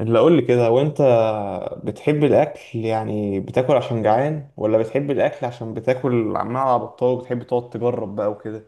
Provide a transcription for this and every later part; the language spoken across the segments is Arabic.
اللي اقول لي كده هو انت، بتحب الاكل؟ يعني بتاكل عشان جعان ولا بتحب الاكل عشان بتاكل عمال على بطال وبتحب تقعد تجرب بقى وكده؟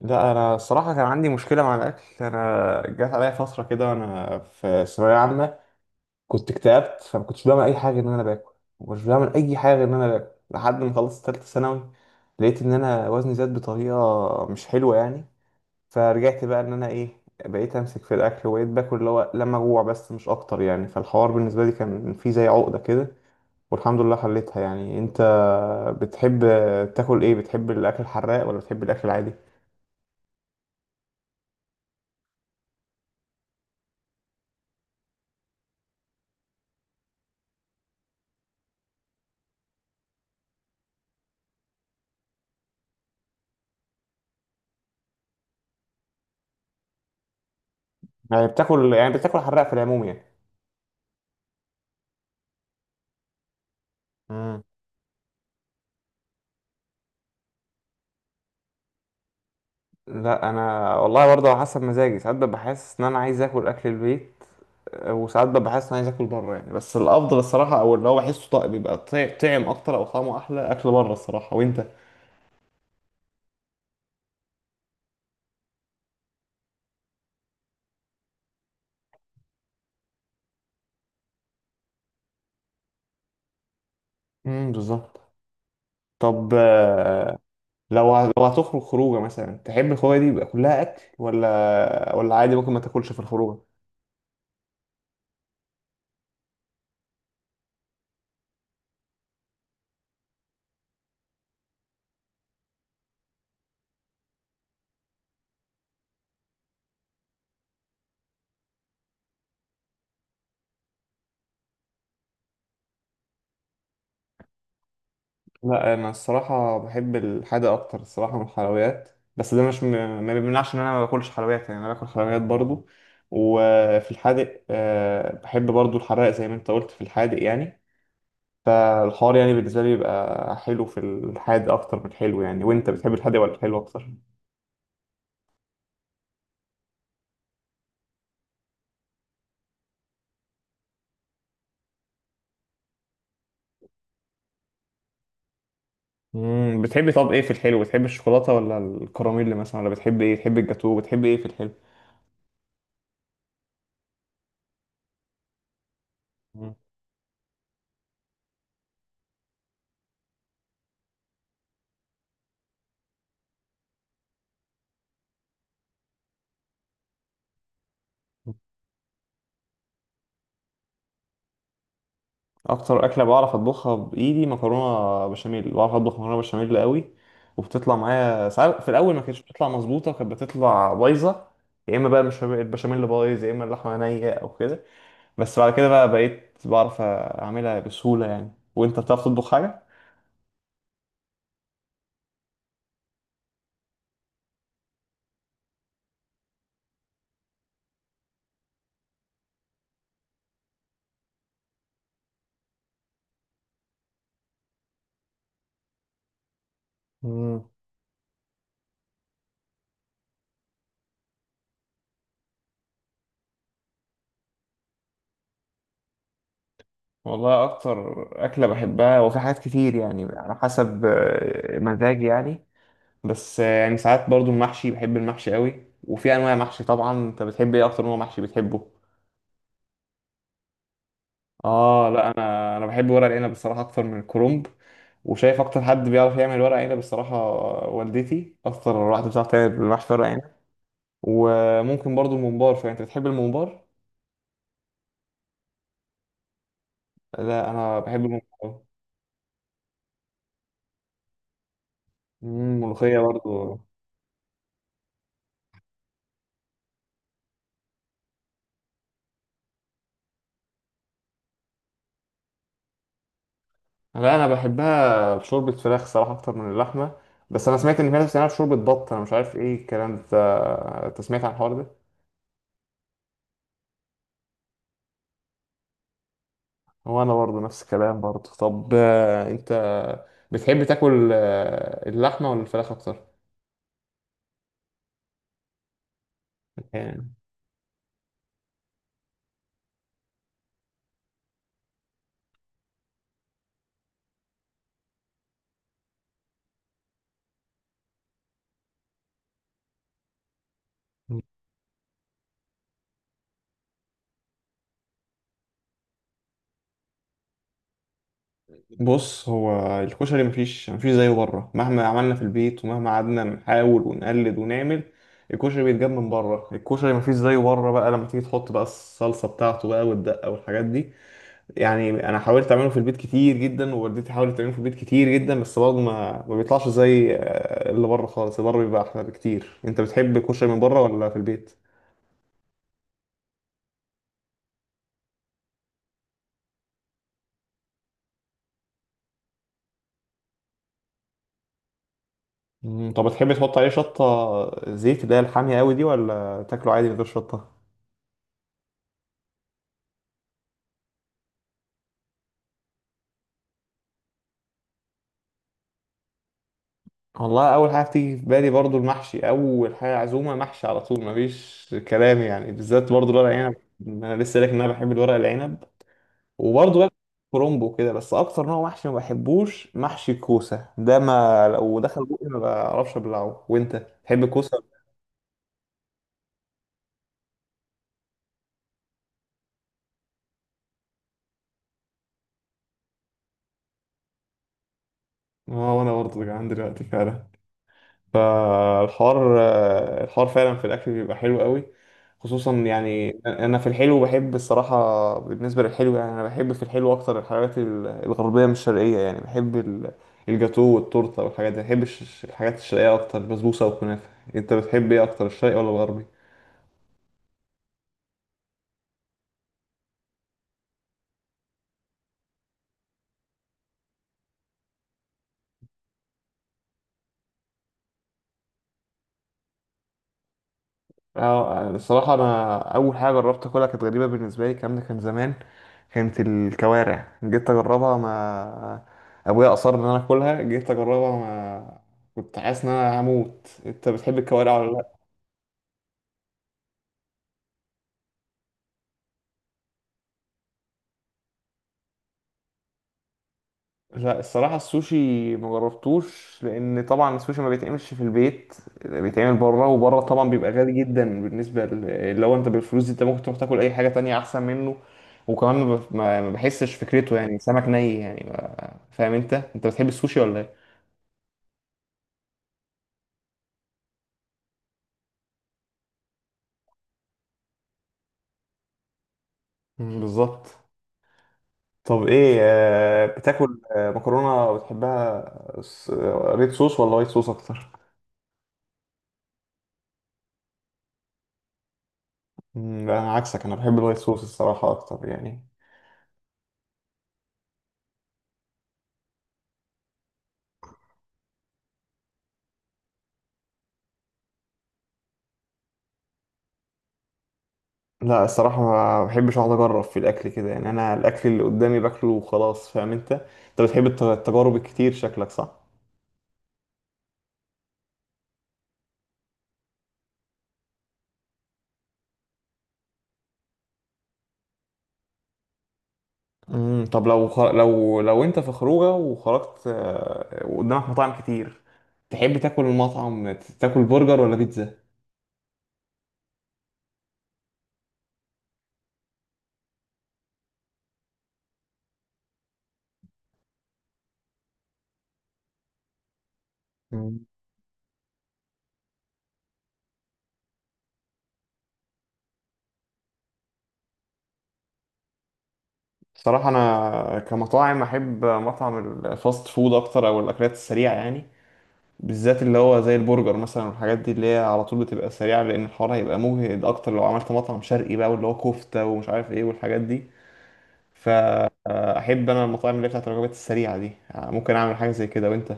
لا، انا الصراحه كان عندي مشكله مع الاكل. انا جات عليا فتره كده وانا في ثانويه عامه كنت اكتئبت، فما كنتش بعمل اي حاجه غير ان انا باكل ومش بعمل اي حاجه غير ان انا باكل لحد ما خلصت ثالثه ثانوي. لقيت ان انا وزني زاد بطريقه مش حلوه يعني. فرجعت بقى ان انا ايه، بقيت امسك في الاكل وبقيت باكل اللي هو لما اجوع بس مش اكتر يعني. فالحوار بالنسبه لي كان فيه زي عقده كده، والحمد لله حليتها يعني. انت بتحب تاكل ايه؟ بتحب الاكل الحراق ولا بتحب الاكل العادي؟ يعني بتاكل، يعني بتاكل حراق في العموم يعني؟ مم. لا، انا والله برضه على حسب مزاجي. ساعات ببقى حاسس ان انا عايز اكل اكل البيت وساعات ببقى حاسس ان انا عايز اكل بره يعني. بس الافضل الصراحه او اللي هو بحسه طيب بيبقى طعم اكتر او طعمه احلى اكل بره الصراحه. وانت؟ بالظبط. طب لو لو هتخرج خروجه مثلا، تحب الخروجه دي يبقى كلها اكل ولا عادي ممكن ما تاكلش في الخروجه؟ لا، انا الصراحه بحب الحادق اكتر الصراحه من الحلويات، بس ده مش ما بيمنعش ان انا ما باكلش حلويات يعني انا باكل حلويات برضو. وفي الحادق، بحب برضو الحراق زي ما انت قلت في الحادق يعني. فالحوار يعني بالنسبه لي بيبقى حلو في الحادق اكتر من الحلو يعني. وانت بتحب الحادق ولا الحلو اكتر؟ بتحبي؟ طب ايه في الحلو؟ بتحبي الشوكولاته ولا الكراميل مثلا؟ ولا بتحبي ايه؟ بتحبي الجاتو؟ بتحبي ايه في الحلو؟ مم. اكتر اكله بعرف اطبخها بايدي مكرونه بشاميل. بعرف اطبخ مكرونه بشاميل قوي وبتطلع معايا. ساعات في الاول ما كانتش بتطلع مظبوطه، كانت بتطلع بايظه. يا اما بقى مش البشاميل بايظ، يا اما اللحمه نيه او كده. بس بعد كده بقى بقيت بعرف اعملها بسهوله يعني. وانت بتعرف تطبخ حاجه؟ مم. والله اكتر اكله بحبها وفي حاجات كتير يعني، على حسب مزاجي يعني. بس يعني ساعات برضو المحشي، بحب المحشي قوي. وفي انواع محشي طبعا. انت بتحب ايه؟ اكتر نوع محشي بتحبه؟ اه، لا، انا بحب ورق العنب بصراحه اكتر من الكرنب. وشايف اكتر حد بيعرف يعمل ورق عنب بصراحه، والدتي اكتر واحده بتعرف تعمل محشي ورق عنب. وممكن برضو الممبار. فانت بتحب الممبار؟ لا، انا بحب الممبار. مم، ملوخيه برضو. لا، انا بحبها بشوربه فراخ صراحه اكتر من اللحمه. بس انا سمعت ان في ناس بتعملها بشوربه بط، انا مش عارف ايه الكلام ده. انت سمعت عن الحوار ده؟ وانا برضه نفس الكلام برضه. طب انت بتحب تاكل اللحمه ولا الفراخ اكتر؟ يعني. بص، هو الكشري مفيش زيه بره مهما عملنا في البيت ومهما قعدنا نحاول ونقلد ونعمل. الكشري بيتجاب من بره، الكشري مفيش زيه بره بقى لما تيجي تحط بقى الصلصه بتاعته بقى والدقه والحاجات دي. يعني انا حاولت اعمله في البيت كتير جدا ووالدتي حاولت تعمله في البيت كتير جدا بس برضه ما بيطلعش زي اللي بره خالص. اللي بره بيبقى احلى بكتير. انت بتحب الكشري من بره ولا في البيت؟ مم، طب بتحب تحط عليه شطة زيت اللي هي الحامية قوي دي ولا تاكله عادي من غير شطة؟ والله أول حاجة بتيجي في بالي برضو المحشي. أول حاجة عزومة محشي على طول، مفيش كلام يعني، بالذات برضو الورق العنب. أنا لسه قايلك إن أنا بحب الورق العنب. وبرضو باكل كرومبو كده. بس أكتر نوع محشي ما بحبوش محشي الكوسة ده، ما لو دخل بقي ما بعرفش أبلعه. وأنت تحب الكوسة؟ اه، وأنا برضو جعان دلوقتي فعلا. فالحوار، الحوار فعلا في الاكل بيبقى حلو قوي. خصوصا يعني انا في الحلو بحب الصراحه. بالنسبه للحلو يعني انا بحب في الحلو اكتر الحلويات الغربيه مش الشرقيه، يعني بحب الجاتو والتورته والحاجات دي. بحب الحاجات الشرقيه اكتر البسبوسه والكنافه. انت بتحب ايه اكتر؟ الشرقي ولا الغربي؟ اه، الصراحة أنا أول حاجة جربت أكلها كانت غريبة بالنسبة لي. الكلام ده كان زمان. كانت الكوارع، جيت أجربها ما، أبويا أصر إن أنا أكلها، جيت أجربها ما كنت حاسس إن أنا هموت. أنت بتحب الكوارع ولا لأ؟ لا، الصراحة السوشي مجربتوش لأن طبعا السوشي ما بيتعملش في البيت. بيتعمل بره، وبره طبعا بيبقى غالي جدا بالنسبة لو أنت بالفلوس دي أنت ممكن تروح تاكل أي حاجة تانية أحسن منه. وكمان ما ب- ما- ما بحسش فكرته يعني سمك ني يعني، فاهم أنت بتحب السوشي ولا إيه؟ مم، بالظبط. طب ايه، بتاكل مكرونه بتحبها ريد صوص ولا وايت صوص اكتر؟ مم، لا، انا عكسك انا بحب الوايت صوص الصراحه اكتر يعني. لا، الصراحة ما بحبش اقعد اجرب في الاكل كده يعني. انا الاكل اللي قدامي باكله وخلاص. فاهم انت؟ انت بتحب التجارب الكتير شكلك، صح؟ طب لو لو انت في خروجه وخرجت، وقدامك مطاعم كتير، تحب تاكل المطعم تاكل برجر ولا بيتزا؟ مم. الصراحة انا كمطاعم احب مطعم الفاست فود اكتر او الاكلات السريعة يعني. بالذات اللي هو زي البرجر مثلا والحاجات دي اللي هي على طول بتبقى سريعة، لأن الحوار هيبقى مجهد أكتر لو عملت مطعم شرقي بقى، واللي هو كفتة ومش عارف إيه والحاجات دي. فأحب أنا المطاعم اللي هي بتاعت الوجبات السريعة دي يعني، ممكن أعمل حاجة زي كده. وأنت؟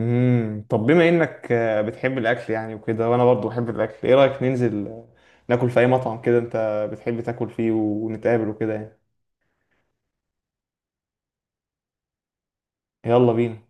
طب بما إنك بتحب الأكل يعني وكده، وأنا برضو بحب الأكل، إيه رأيك ننزل ناكل في أي مطعم كده أنت بتحب تاكل فيه ونتقابل وكده يعني؟ يلا بينا.